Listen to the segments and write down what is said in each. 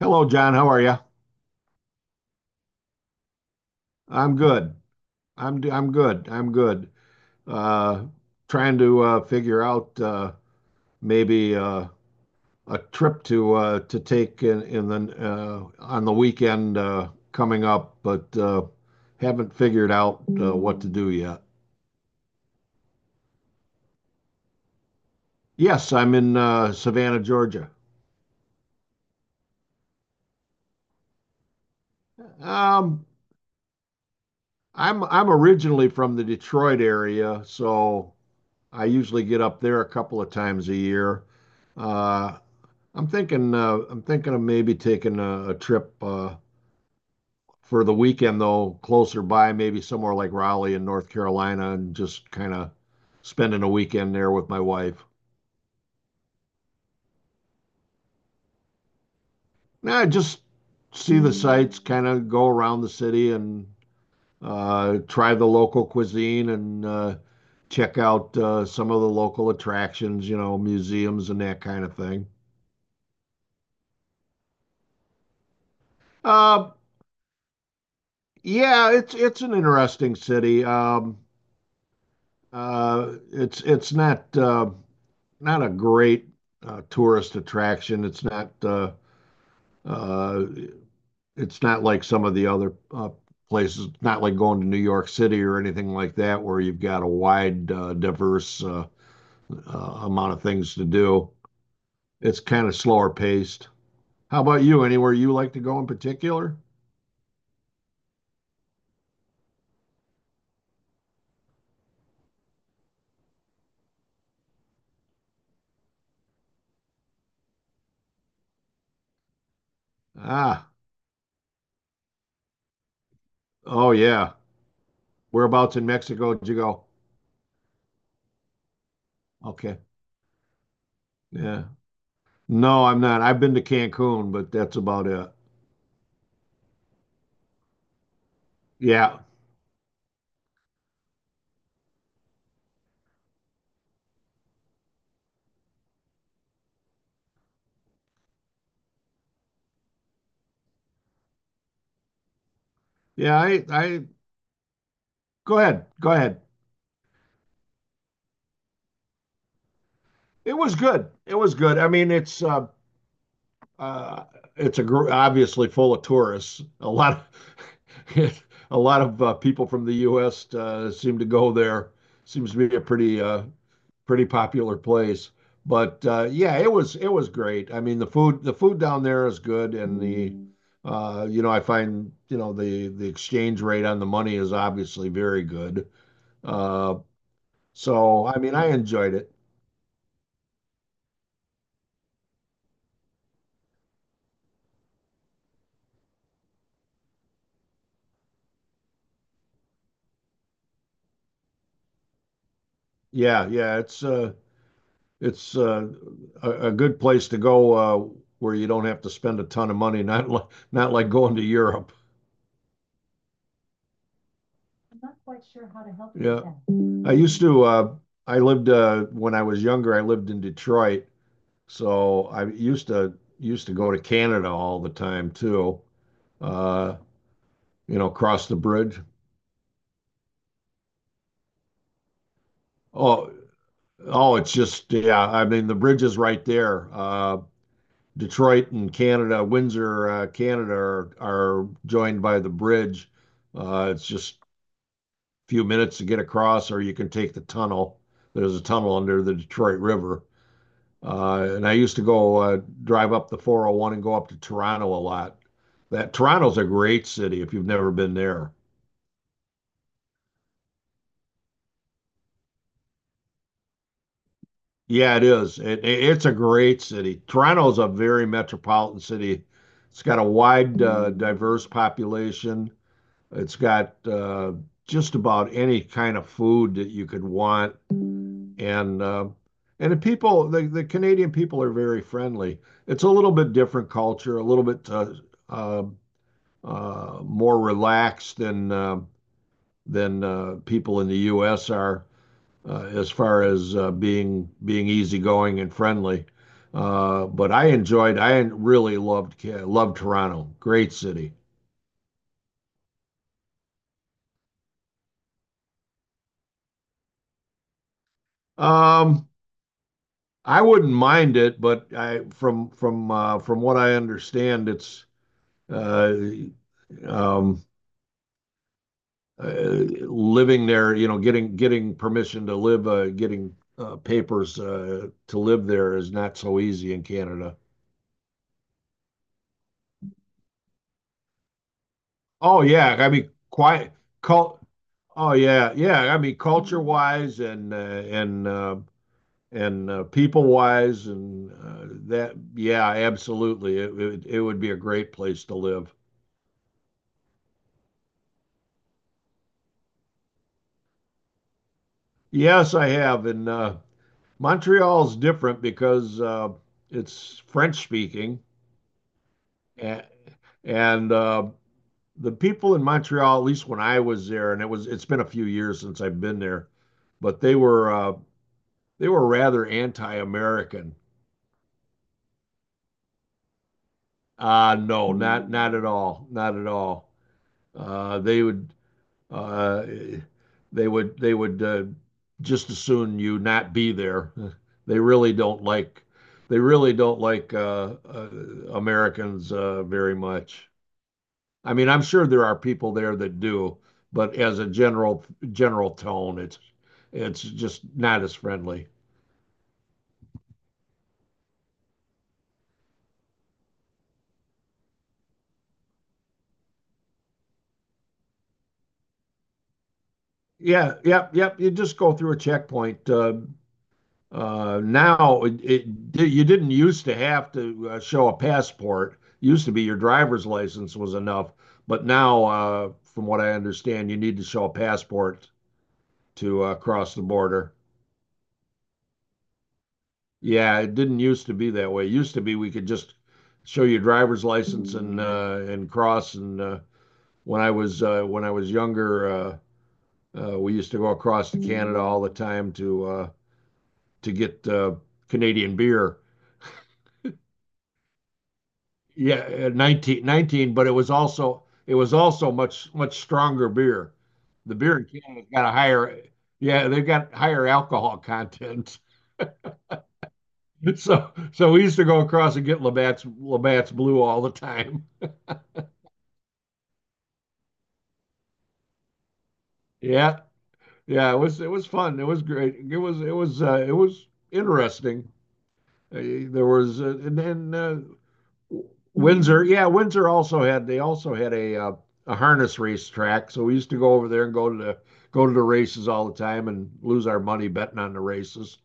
Hello, John. How are you? I'm good. I'm good. I'm good. Uh, trying to figure out maybe a trip to take in the on the weekend coming up, but haven't figured out what to do yet. Yes, I'm in Savannah, Georgia. Um, I'm originally from the Detroit area, so I usually get up there a couple of times a year. Uh, I'm thinking of maybe taking a trip for the weekend though, closer by, maybe somewhere like Raleigh in North Carolina, and just kind of spending a weekend there with my wife. Nah, just see the sights, kind of go around the city and try the local cuisine and check out some of the local attractions, you know, museums and that kind of thing. Uh, yeah, it's an interesting city. It's not not a great tourist attraction. Uh, it's not like some of the other places, not like going to New York City or anything like that, where you've got a wide, diverse amount of things to do. It's kind of slower paced. How about you? Anywhere you like to go in particular? Ah, oh yeah. Whereabouts in Mexico did you go? Okay. Yeah. No, I'm not. I've been to Cancun, but that's about it. Yeah. Yeah, I Go ahead, go ahead. It was good. It was good. I mean, uh, obviously full of tourists. A lot, of, a lot of people from the U.S. Seem to go there. Seems to be a pretty pretty popular place. But yeah, it was great. I mean, the food down there is good, and the you know I find the exchange rate on the money is obviously very good. Uh, so I mean, I enjoyed it. Yeah, yeah, it's a good place to go where you don't have to spend a ton of money, not like not like going to Europe. Yeah. with that. I that. Used to I lived when I was younger, I lived in Detroit, so I used to go to Canada all the time too. Uh, you know, cross the bridge. Oh, oh, it's just yeah, I mean the bridge is right there. Detroit and Canada, Windsor, Canada are joined by the bridge. It's just a few minutes to get across, or you can take the tunnel. There's a tunnel under the Detroit River. And I used to go drive up the 401 and go up to Toronto a lot. That Toronto's a great city if you've never been there. Yeah, it is. It's a great city. Toronto's a very metropolitan city. It's got a wide, diverse population. It's got just about any kind of food that you could want, and the people, the Canadian people are very friendly. It's a little bit different culture, a little bit uh, more relaxed than people in the U.S. are as far as being easygoing and friendly. But I enjoyed, I really loved Toronto. Great city. Um, I wouldn't mind it, but I from what I understand, it's uh, um, living there. You know, getting permission to live, getting papers to live there is not so easy in Canada. Oh yeah, I mean, quite cult. Oh yeah, yeah. I mean, culture wise and people wise and that. Yeah, absolutely. It would be a great place to live. Yes, I have, and Montreal's different because it's French speaking, and, and uh, the people in Montreal, at least when I was there, and it's been a few years since I've been there, but they were rather anti-American. No, not at all, not at all. Uh, they would Uh, they would just as soon you not be there. They really don't like they really don't like Americans very much. I mean, I'm sure there are people there that do, but as a general general tone, it's just not as friendly. Yeah, yep, yep. You just go through a checkpoint. Now, you didn't used to have to show a passport. It used to be your driver's license was enough, but now, from what I understand, you need to show a passport to cross the border. Yeah, it didn't used to be that way. It used to be we could just show your driver's license and cross. And when I was younger, we used to go across to Canada all the time to get Canadian beer. Yeah, 19, 19, but it was also much much stronger beer. The beer in Canada's got a higher Yeah, they've got higher alcohol content. So so we used to go across and get Labatt's Blue all the time. Yeah. Yeah, it was fun. It was great. It was interesting. Uh, there was and then Windsor, yeah, Windsor also had they also had a harness race track, so we used to go over there and go to the races all the time and lose our money betting on the races.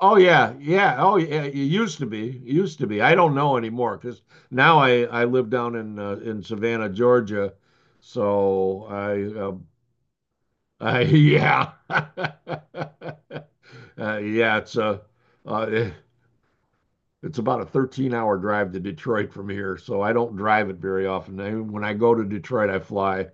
Oh yeah, yeah. Oh yeah, it used to be, it used to be. I don't know anymore because now I live down in Savannah, Georgia, so I yeah yeah it's a uh, it's about a 13-hour drive to Detroit from here, so I don't drive it very often. I, when I go to Detroit, I fly.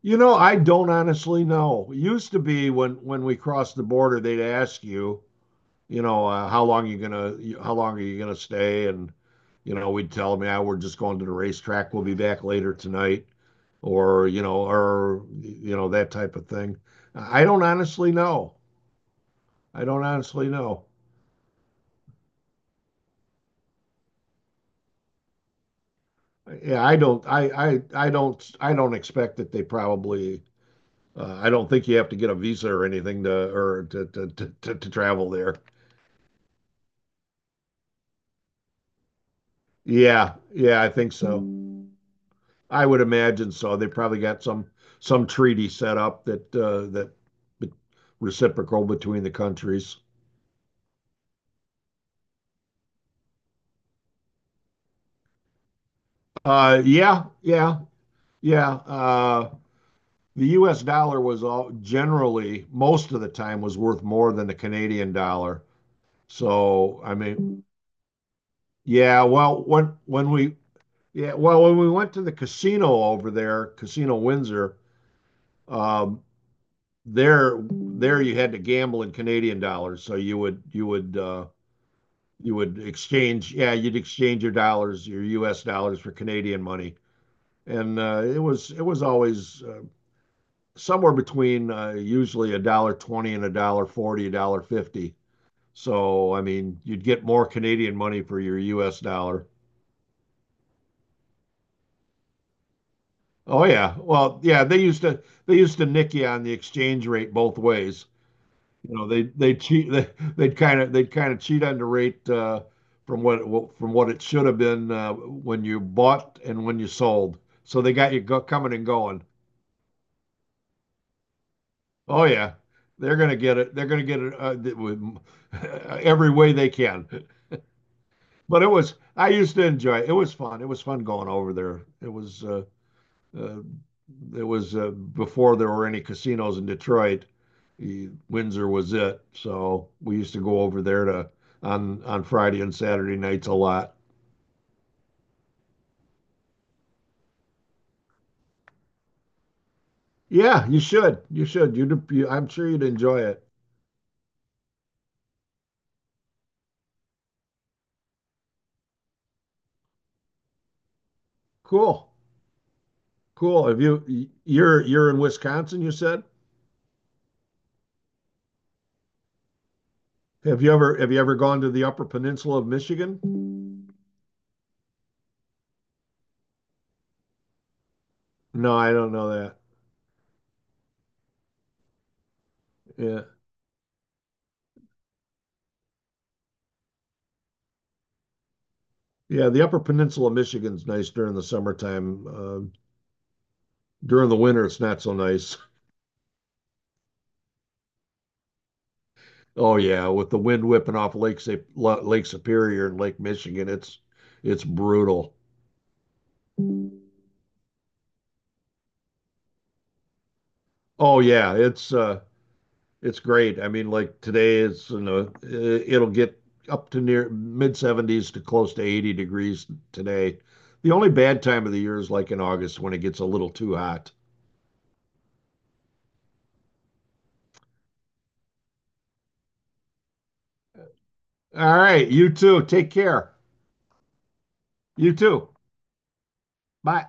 You know, I don't honestly know. It used to be when we crossed the border, they'd ask you, you know, how long are you gonna stay, and you know, we'd tell them, yeah, we're just going to the racetrack. We'll be back later tonight, or you know that type of thing. I don't honestly know. I don't honestly know. I don't expect that they probably, I don't think you have to get a visa or anything to, or to, to travel there. Yeah, yeah, I think so. I would imagine so. They probably got some treaty set up that, that be- reciprocal between the countries. Uh, yeah, yeah, yeah. Uh, the US dollar was all generally, most of the time was worth more than the Canadian dollar. So, I mean, Yeah, well, when when we yeah, well, when we went to the casino over there, Casino Windsor, um, there you had to gamble in Canadian dollars, so you would exchange yeah, you'd exchange your dollars, your U.S. dollars for Canadian money, and it was always somewhere between usually a dollar 20 and a dollar 40, a dollar 50. So I mean, you'd get more Canadian money for your U.S. dollar. Oh yeah. Well, yeah, they used to nick you on the exchange rate both ways. You know, they'd kind of cheat on the rate from what it, from what it should have been when you bought and when you sold. So they got you go, coming and going. Oh yeah. They're going to get it. They're going to get it with every way they can. But it was I used to enjoy it. It was fun. It was fun going over there. Uh, it was before there were any casinos in Detroit. Windsor was it, so we used to go over there to on Friday and Saturday nights a lot. Yeah, you should. You should. I'm sure you'd enjoy it. Cool. Cool. Have you're in Wisconsin, you said? Have you ever gone to the Upper Peninsula of Michigan? No, I don't know that. Yeah. Yeah, the Upper Peninsula of Michigan's nice during the summertime. During the winter, it's not so nice. Oh yeah, with the wind whipping off Lake Superior and Lake Michigan, it's brutal. Oh yeah, it's great. I mean, like today it's you know it'll get up to near mid 70s to close to 80 degrees today. The only bad time of the year is like in August when it gets a little too hot. All right, you too. Take care. You too. Bye.